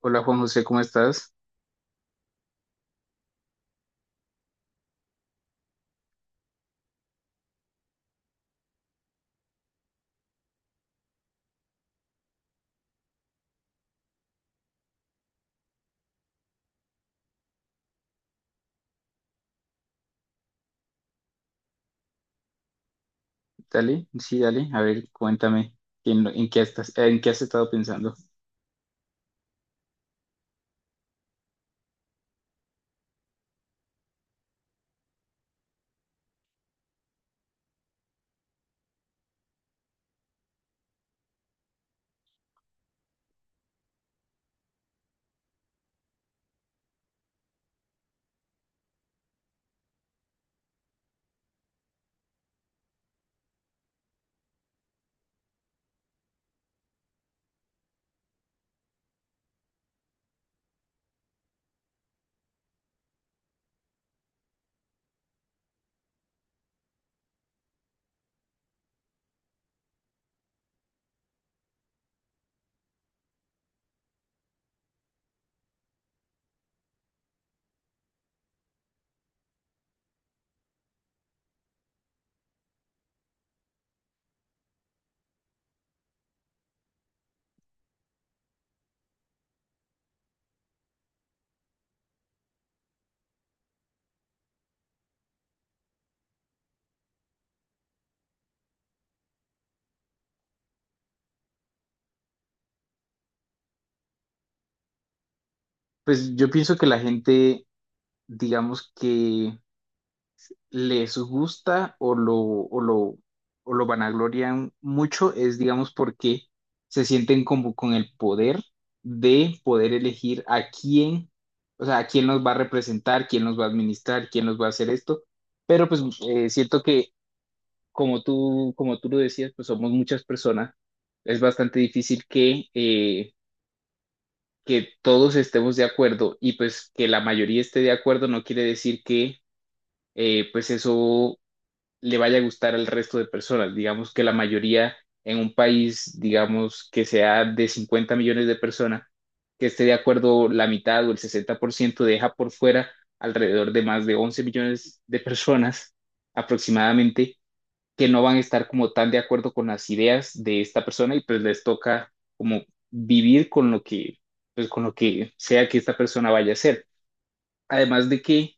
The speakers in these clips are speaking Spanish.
Hola Juan José, ¿cómo estás? Dale, sí, dale, a ver, cuéntame en qué estás, en qué has estado pensando. Pues yo pienso que la gente, digamos que les gusta o lo vanaglorian mucho, es digamos porque se sienten como con el poder de poder elegir a quién, o sea, a quién nos va a representar, quién nos va a administrar, quién nos va a hacer esto. Pero pues siento que como tú lo decías, pues somos muchas personas. Es bastante difícil que todos estemos de acuerdo y pues que la mayoría esté de acuerdo no quiere decir que pues eso le vaya a gustar al resto de personas. Digamos que la mayoría en un país, digamos que sea de 50 millones de personas, que esté de acuerdo la mitad o el 60% deja por fuera alrededor de más de 11 millones de personas aproximadamente que no van a estar como tan de acuerdo con las ideas de esta persona y pues les toca como vivir con lo que, pues con lo que sea que esta persona vaya a hacer. Además de que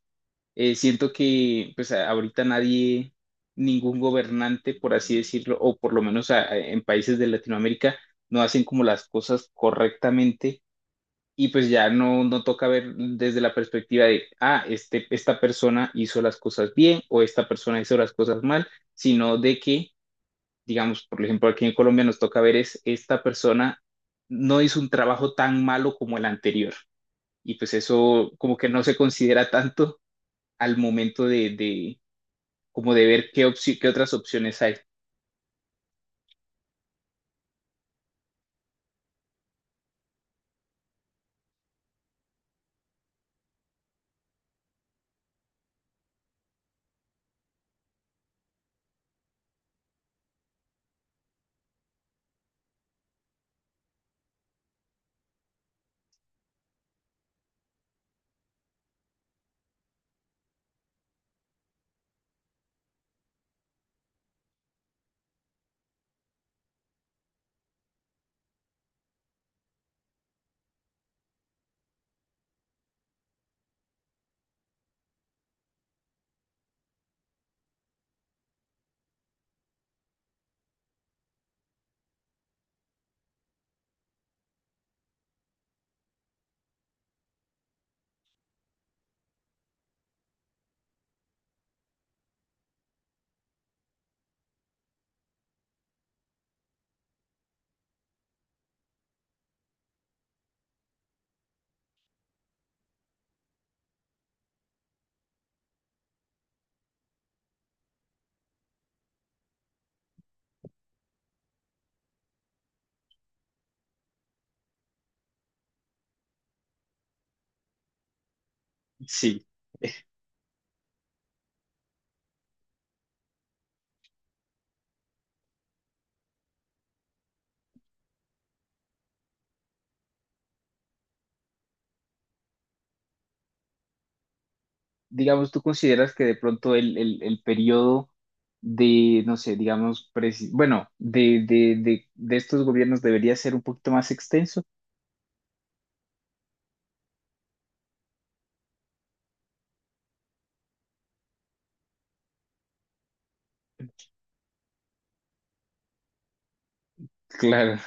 siento que pues ahorita nadie, ningún gobernante, por así decirlo, o por lo menos en países de Latinoamérica, no hacen como las cosas correctamente. Y pues ya no toca ver desde la perspectiva de, esta persona hizo las cosas bien o esta persona hizo las cosas mal, sino de que digamos, por ejemplo, aquí en Colombia nos toca ver es esta persona no hizo un trabajo tan malo como el anterior. Y pues eso como que no se considera tanto al momento de como de ver qué otras opciones hay. Sí. Digamos, ¿tú consideras que de pronto el periodo de, no sé, digamos, bueno, de estos gobiernos debería ser un poquito más extenso? Claro.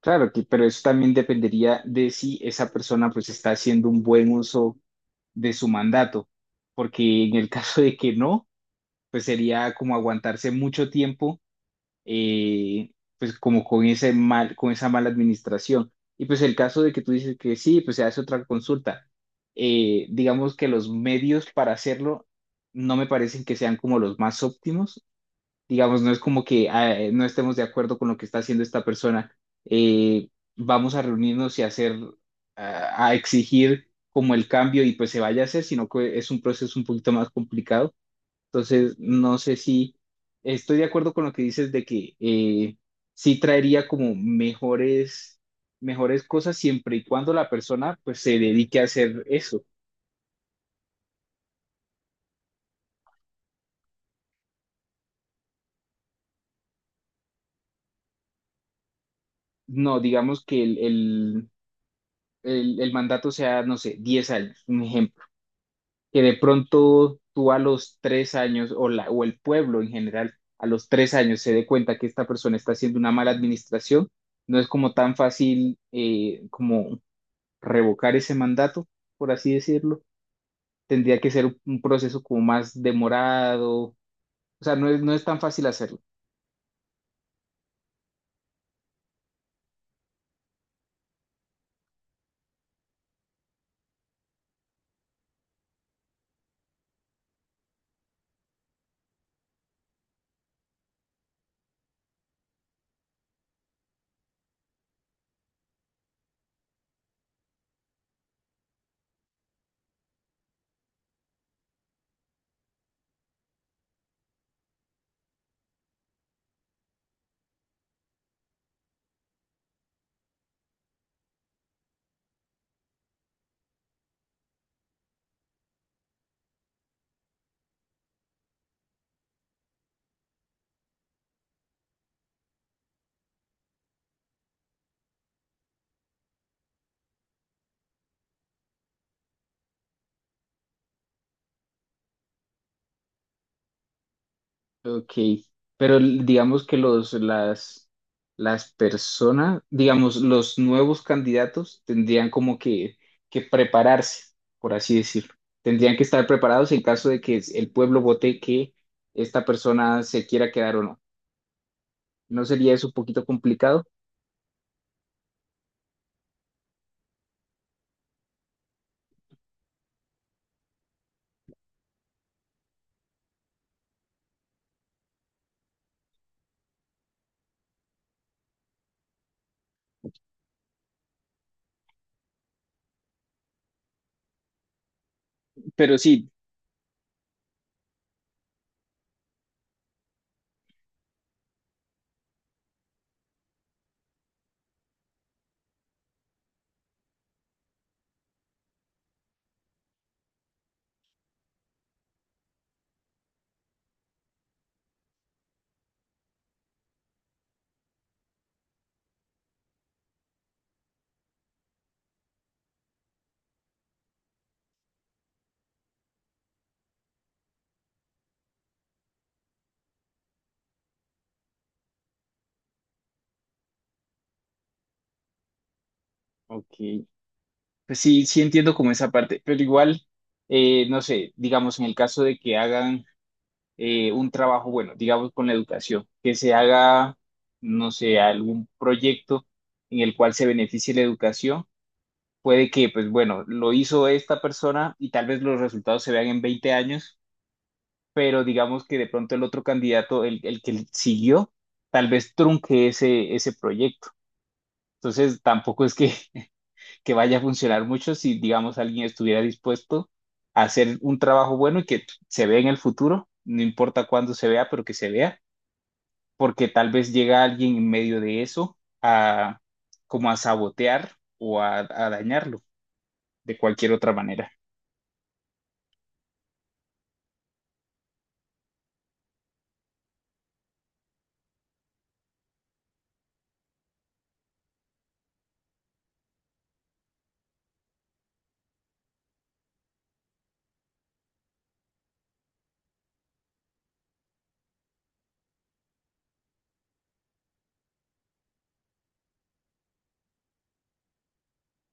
Claro, que, pero eso también dependería de si esa persona pues está haciendo un buen uso de su mandato, porque en el caso de que no, pues sería como aguantarse mucho tiempo, eh, pues como con esa mala administración. Y pues el caso de que tú dices que sí, pues se hace otra consulta. Digamos que los medios para hacerlo no me parecen que sean como los más óptimos, digamos, no es como que no estemos de acuerdo con lo que está haciendo esta persona, eh, vamos a reunirnos y a exigir como el cambio y pues se vaya a hacer, sino que es un proceso un poquito más complicado. Entonces, no sé si estoy de acuerdo con lo que dices de que sí traería como mejores cosas siempre y cuando la persona pues se dedique a hacer eso. No, digamos que el mandato sea, no sé, 10 años, un ejemplo que de pronto tú a los 3 años o el pueblo en general a los 3 años se dé cuenta que esta persona está haciendo una mala administración, no es como tan fácil como revocar ese mandato, por así decirlo. Tendría que ser un proceso como más demorado, o sea, no es tan fácil hacerlo. Ok, pero digamos que las personas, digamos, los nuevos candidatos tendrían como que prepararse, por así decirlo. Tendrían que estar preparados en caso de que el pueblo vote que esta persona se quiera quedar o no. ¿No sería eso un poquito complicado? Pero sí, ok, pues sí, sí entiendo como esa parte, pero igual, no sé, digamos, en el caso de que hagan un trabajo, bueno, digamos con la educación, que se haga, no sé, algún proyecto en el cual se beneficie la educación. Puede que, pues bueno, lo hizo esta persona y tal vez los resultados se vean en 20 años, pero digamos que de pronto el otro candidato, el que siguió, tal vez trunque ese proyecto. Entonces, tampoco es que, que vaya a funcionar mucho si, digamos, alguien estuviera dispuesto a hacer un trabajo bueno y que se vea en el futuro, no importa cuándo se vea, pero que se vea porque tal vez llega alguien en medio de eso a como a sabotear o a dañarlo de cualquier otra manera.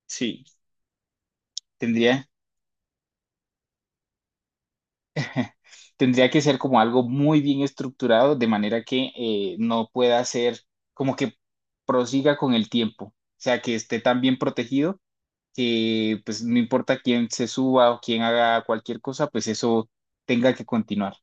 Sí, tendría, tendría que ser como algo muy bien estructurado de manera que no pueda ser como que prosiga con el tiempo, o sea, que esté tan bien protegido que pues no importa quién se suba o quién haga cualquier cosa, pues eso tenga que continuar.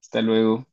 Hasta luego.